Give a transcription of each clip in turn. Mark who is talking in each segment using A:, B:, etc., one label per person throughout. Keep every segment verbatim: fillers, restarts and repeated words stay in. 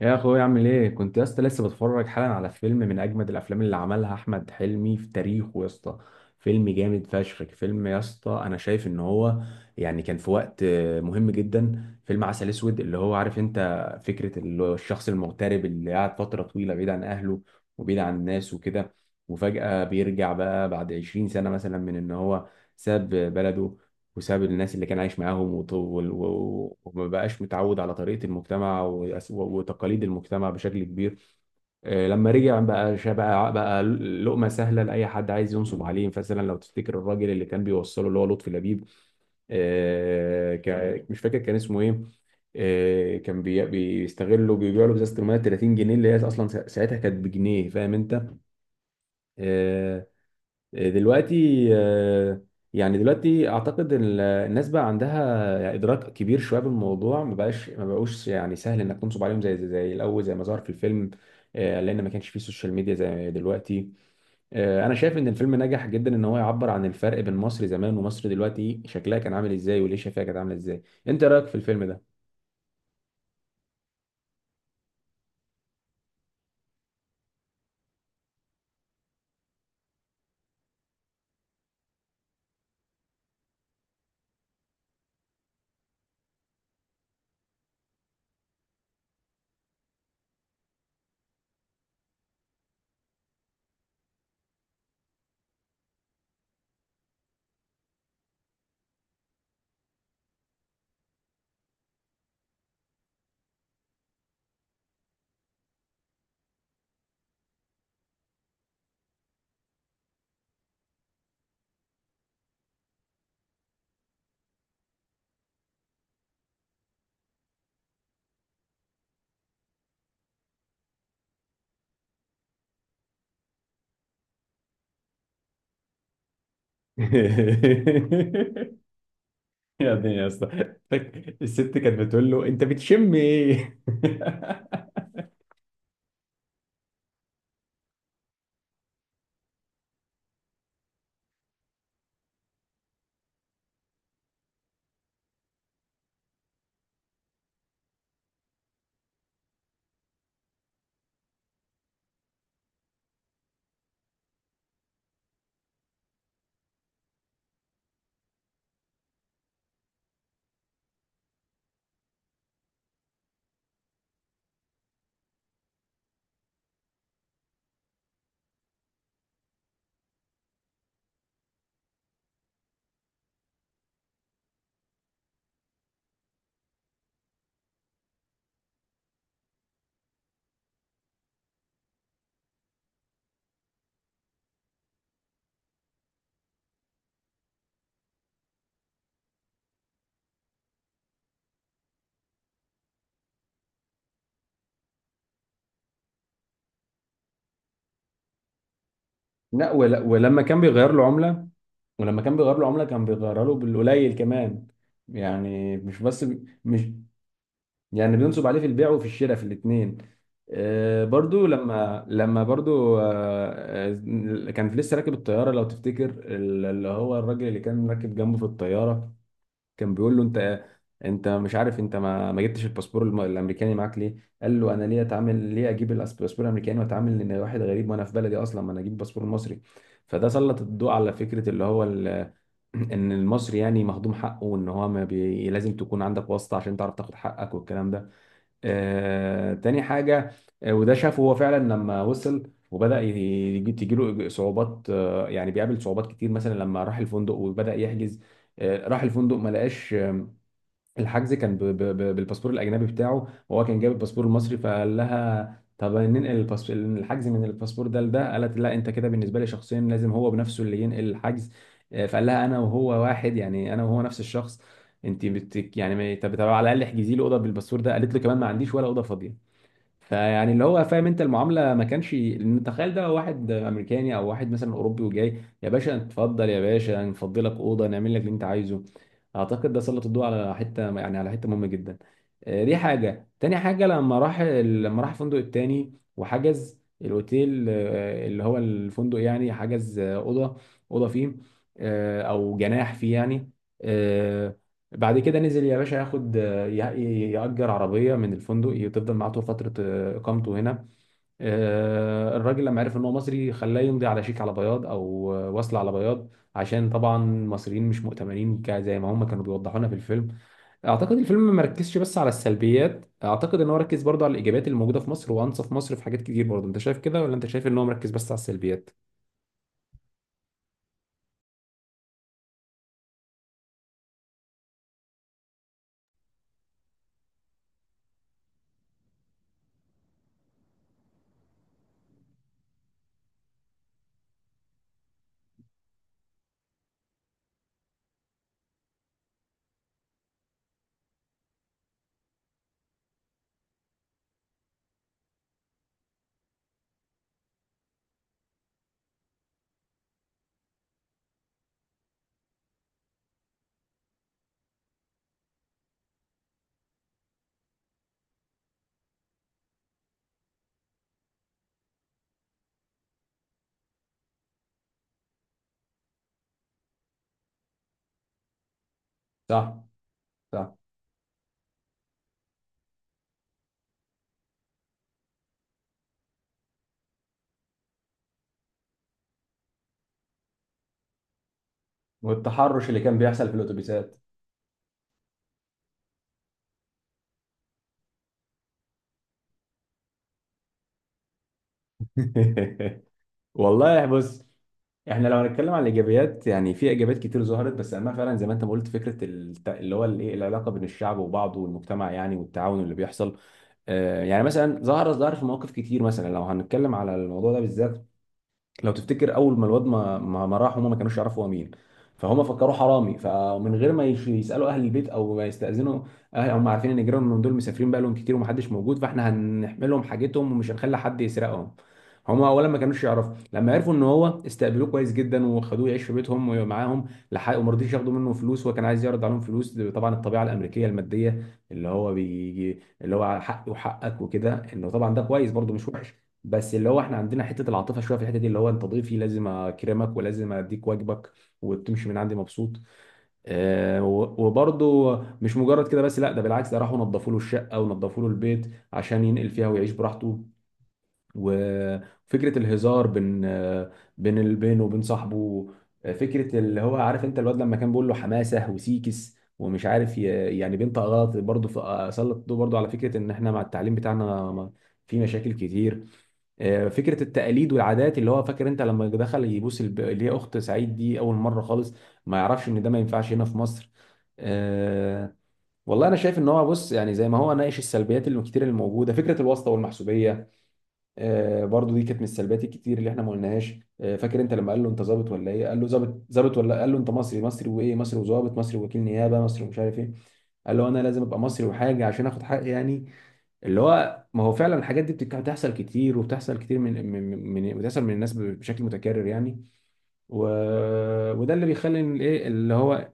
A: يا اخويا، اعمل ايه؟ كنت يا اسطى لسه بتفرج حالا على فيلم من اجمد الافلام اللي عملها احمد حلمي في تاريخه يا اسطى. فيلم جامد فشخ، فيلم يا اسطى، انا شايف ان هو يعني كان في وقت آه، مهم جدا. فيلم عسل اسود اللي هو عارف انت، فكرة ال- الشخص المغترب اللي قاعد فترة طويلة بعيد عن اهله، وبعيد عن الناس وكده، وفجأة بيرجع بقى بعد عشرين سنة مثلا من ان هو ساب بلده، وساب الناس اللي كان عايش معاهم وط- وال- و- وما بقاش متعود على طريقة المجتمع وأس- و- وتقاليد المجتمع بشكل كبير. آه، لما رجع بقى شا- بقى بقى لقمة سهلة لأي حد عايز ينصب عليه. مثلا لو تفتكر الراجل اللي كان بيوصله، اللي هو لطفي لبيب، آه، كا- مش فاكر كان اسمه ايه. آه، كان بي- بيستغله، بيبيع له ازازه الميه ثلاثين جنيه، اللي هي اصلا سا- ساعتها كانت بجنيه، فاهم انت. آه، دلوقتي آه، يعني دلوقتي اعتقد إن الناس بقى عندها ادراك كبير شويه بالموضوع، ما بقاش ما بقوش يعني سهل انك تنصب عليهم زي زي, زي الاول، زي ما ظهر في الفيلم. آه، لان ما كانش فيه سوشيال ميديا زي دلوقتي. آه، انا شايف ان الفيلم نجح جدا ان هو يعبر عن الفرق بين مصر زمان ومصر دلوقتي، شكلها كان عامل ازاي وليه شايفها كانت عامله ازاي. انت إيه رايك في الفيلم ده؟ يا ابني يا اسطى، الست كانت بتقول له انت بتشم ايه؟ لا، ولا ولما كان بيغير له عمله ولما كان بيغير له عملة كان بيغيرها له بالقليل كمان. يعني مش بس. مش. يعني بينصب عليه في البيع وفي الشراء، في الاتنين. آه، برضو لما لما برضو آه، آه، كان لسه راكب الطيارة لو تفتكر. ال- اللي هو الراجل اللي كان راكب جنبه في الطيارة كان بيقول له انت، انت مش عارف انت ما, ما جبتش الباسبور الم- الامريكاني معاك ليه؟ قال له انا ليه اتعامل، ليه اجيب الأس- الباسبور الامريكاني واتعامل ان واحد غريب وانا في بلدي اصلا، ما انا اجيب الباسبور المصري. فده سلط الضوء على فكره اللي هو ال- ان المصري يعني مهضوم حقه، وان هو ما بي... لازم تكون عندك واسطه عشان تعرف تاخد حقك والكلام ده. آه، تاني حاجة. آه، وده شافه هو فعلا لما وصل وبدأ يجي تجيله صعوبات. آه، يعني بيقابل صعوبات كتير، مثلا لما راح الفندق وبدأ يحجز. آه، راح الفندق ما لقاش. الحجز كان ب... ب... ب... بالباسبور الاجنبي بتاعه، وهو كان جايب الباسبور المصري، فقال لها طب ننقل الباس... الحجز من الباسبور ده لده. قالت لا، انت كده بالنسبه لي شخصيا لازم هو بنفسه اللي ينقل الحجز. آه، فقال لها انا وهو واحد يعني، انا وهو نفس الشخص. انت بت... يعني، ما- طب طب على الاقل احجزي له اوضه بالباسبور ده. قالت له كمان ما عنديش ولا اوضه فاضيه. فيعني اللي هو فاهم انت، المعامله ما كانش، لان تخيل ده واحد امريكاني او واحد مثلا اوروبي وجاي، يا باشا اتفضل يا باشا، نفضي لك اوضه، نعمل لك اللي انت عايزه. اعتقد ده سلط الضوء على حته، يعني على حته مهمه جدا. آه، دي حاجه. تاني حاجه، لما راح لما راح الفندق التاني وحجز الاوتيل، آه، اللي هو الفندق، يعني حجز آه، اوضه اوضه فيه، آه، او جناح فيه يعني. آه، بعد كده نزل يا باشا ياخد ي- يأجر عربية من الفندق تفضل معاه طول فترة آه، إقامته هنا. آه، الراجل لما عرف إن هو مصري خلاه يمضي على شيك على بياض، أو آه، وصل على بياض، عشان طبعا المصريين مش مؤتمنين ك- زي ما هم كانوا بيوضحوا لنا في الفيلم. اعتقد الفيلم ما ركزش بس على السلبيات، اعتقد ان هو ركز برضه على الايجابيات اللي موجوده في مصر، وانصف مصر في حاجات كتير برضه. انت شايف كده، ولا انت شايف ان هو مركز بس على السلبيات؟ صح، صح. والتحرش اللي كان بيحصل في الاتوبيسات. والله بص، احنا لو هنتكلم عن الايجابيات يعني في ايجابيات كتير ظهرت، بس اما فعلا زي ما انت ما قلت فكره الت- اللي هو الايه، العلاقه بين الشعب وبعضه والمجتمع يعني، والتعاون اللي بيحصل. آه، يعني مثلا ظهر ظهر في مواقف كتير، مثلا لو هنتكلم على الموضوع ده بالذات، لو تفتكر اول ما الواد ما ما ما راح، هما ما كانوش يعرفوا هو مين، فهم فكروه حرامي. فمن غير ما يش- يسالوا اهل البيت او ما يستاذنوا، أهل هم عارفين ان جيرانهم من دول مسافرين بقى لهم كتير ومحدش موجود، فاحنا هنحملهم حاجتهم ومش هنخلي حد يسرقهم. هم اولا ما كانوش يعرفوا، لما عرفوا ان هو استقبلوه كويس جدا وخدوه يعيش في بيتهم ومعاهم. لحق وما رضيش ياخدوا منه فلوس، وكان عايز يعرض عليهم فلوس. طبعا الطبيعه الامريكيه الماديه، اللي هو بيجي اللي هو حقي وحقك وكده، انه طبعا ده كويس برده مش وحش. بس اللي هو احنا عندنا حته العاطفه شويه في الحته دي، اللي هو انت ضيفي لازم اكرمك ولازم اديك واجبك وتمشي من عندي مبسوط. اه، و- وبرضه مش مجرد كده بس، لا، ده بالعكس، ده راحوا نظفوا له الشقه ونظفوا له البيت عشان ينقل فيها ويعيش براحته. وفكره الهزار بين آه، بين ال- بينه وبين صاحبه، آه، فكره اللي هو عارف انت، الواد لما كان بيقول له حماسه وسيكس ومش عارف ي- يعني بنت غلط. برضه في- آه، سلط الضوء برضه على فكره ان احنا مع التعليم بتاعنا ما- في مشاكل كتير. آه، فكره التقاليد والعادات، اللي هو فاكر انت لما دخل يبوس الب- اللي هي اخت سعيد دي اول مره خالص، ما يعرفش ان ده ما ينفعش هنا في مصر. آه، والله انا شايف ان هو بص، يعني زي ما هو ناقش السلبيات اللي كتير اللي موجوده، فكره الواسطه والمحسوبيه، آه، برضو دي كانت من السلبيات الكتير اللي احنا ما قلناهاش. آه، فاكر انت لما قال له انت ظابط ولا ايه؟ قال له ظابط ظابط ولا، قال له انت مصري مصري، وايه، مصري وظابط، مصري وكيل نيابه مصري ومش عارف ايه. قال له انا لازم ابقى مصري وحاجه عشان اخد حقي يعني. اللي هو ما هو فعلا الحاجات دي بتك- بتحصل كتير، وبتحصل كتير من من من بتحصل من الناس بشكل متكرر يعني. و... وده اللي بيخلي إن الايه اللي هو.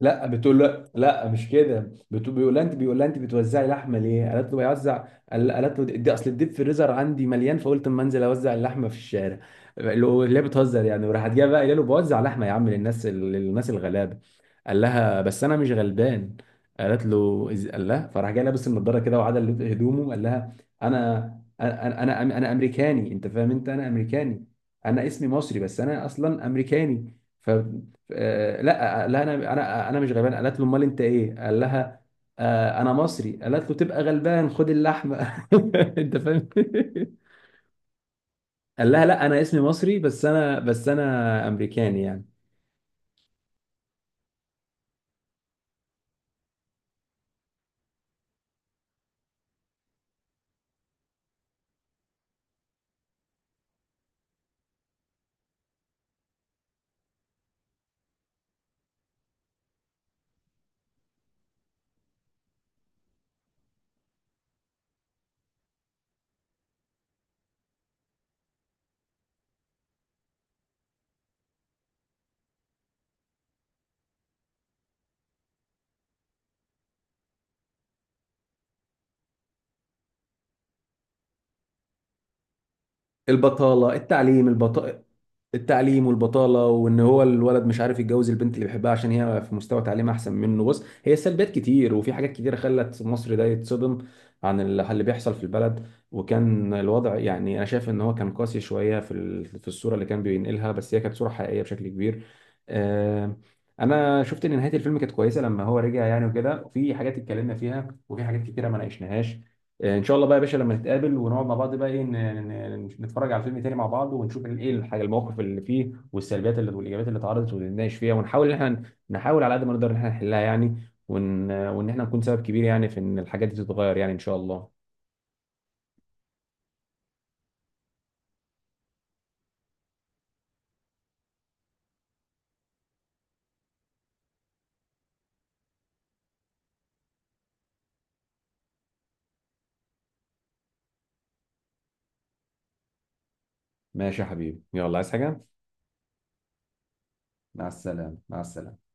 A: لا، بتقول له لا مش كده، بتقول، بيقول لها انت بيقول لها انت بتوزعي لحمه ليه؟ قالت له بيوزع. قال- قالت له دي اصل الديب فريزر عندي مليان فقلت اما انزل اوزع اللحمه في الشارع. اللي هو اللي هي بتهزر يعني، وراحت جايه بقى قايله له بوزع لحمه يا عم للناس للناس الغلابه. قال لها بس انا مش غلبان. قالت له إز- قال لها، فراح جاي لابس النضاره كده وعدل هدومه، قال لها انا انا انا انا امريكاني، انت فاهم انت، انا امريكاني. انا اسمي مصري بس انا اصلا امريكاني. آه، لا، قال لها انا انا آه، انا مش غلبان. قالت له امال انت ايه؟ قال لها آه، انا مصري. قالت له تبقى غلبان، خد اللحمه. انت فاهم. قال لها لا انا اسمي مصري، بس انا بس انا امريكاني يعني. البطالة، التعليم، البط... التعليم والبطالة، وان هو الولد مش عارف يتجوز البنت اللي بيحبها عشان هي في مستوى تعليم احسن منه. بص، هي سلبيات كتير، وفي حاجات كتيرة خلت مصر ده يتصدم عن ال- اللي بيحصل في البلد. وكان الوضع يعني، انا شايف ان هو كان قاسي شوية في ال- في الصورة اللي كان بينقلها، بس هي كانت صورة حقيقية بشكل كبير. آه، انا شفت ان نهاية الفيلم كانت كويسة لما هو رجع يعني وكده، وفي حاجات اتكلمنا فيها وفي حاجات كتيرة ما ناقشناهاش. آه، ان شاء الله بقى يا باشا لما نتقابل ونقعد مع بعض بقى ايه، ن- ن- ن- نتفرج على فيلم تاني مع بعض، ونشوف ايه الحاجه، المواقف اللي فيه، والسلبيات اللي والايجابيات اللي اتعرضت، ونناقش فيها، ونحاول ان احنا نحاول على قد ما نقدر ان احنا نحلها يعني، وان وان احنا نكون سبب كبير يعني في ان الحاجات دي تتغير يعني، ان شاء الله. ماشي يا حبيبي، يلا، عايز حاجه؟ مع السلامة، مع السلامة.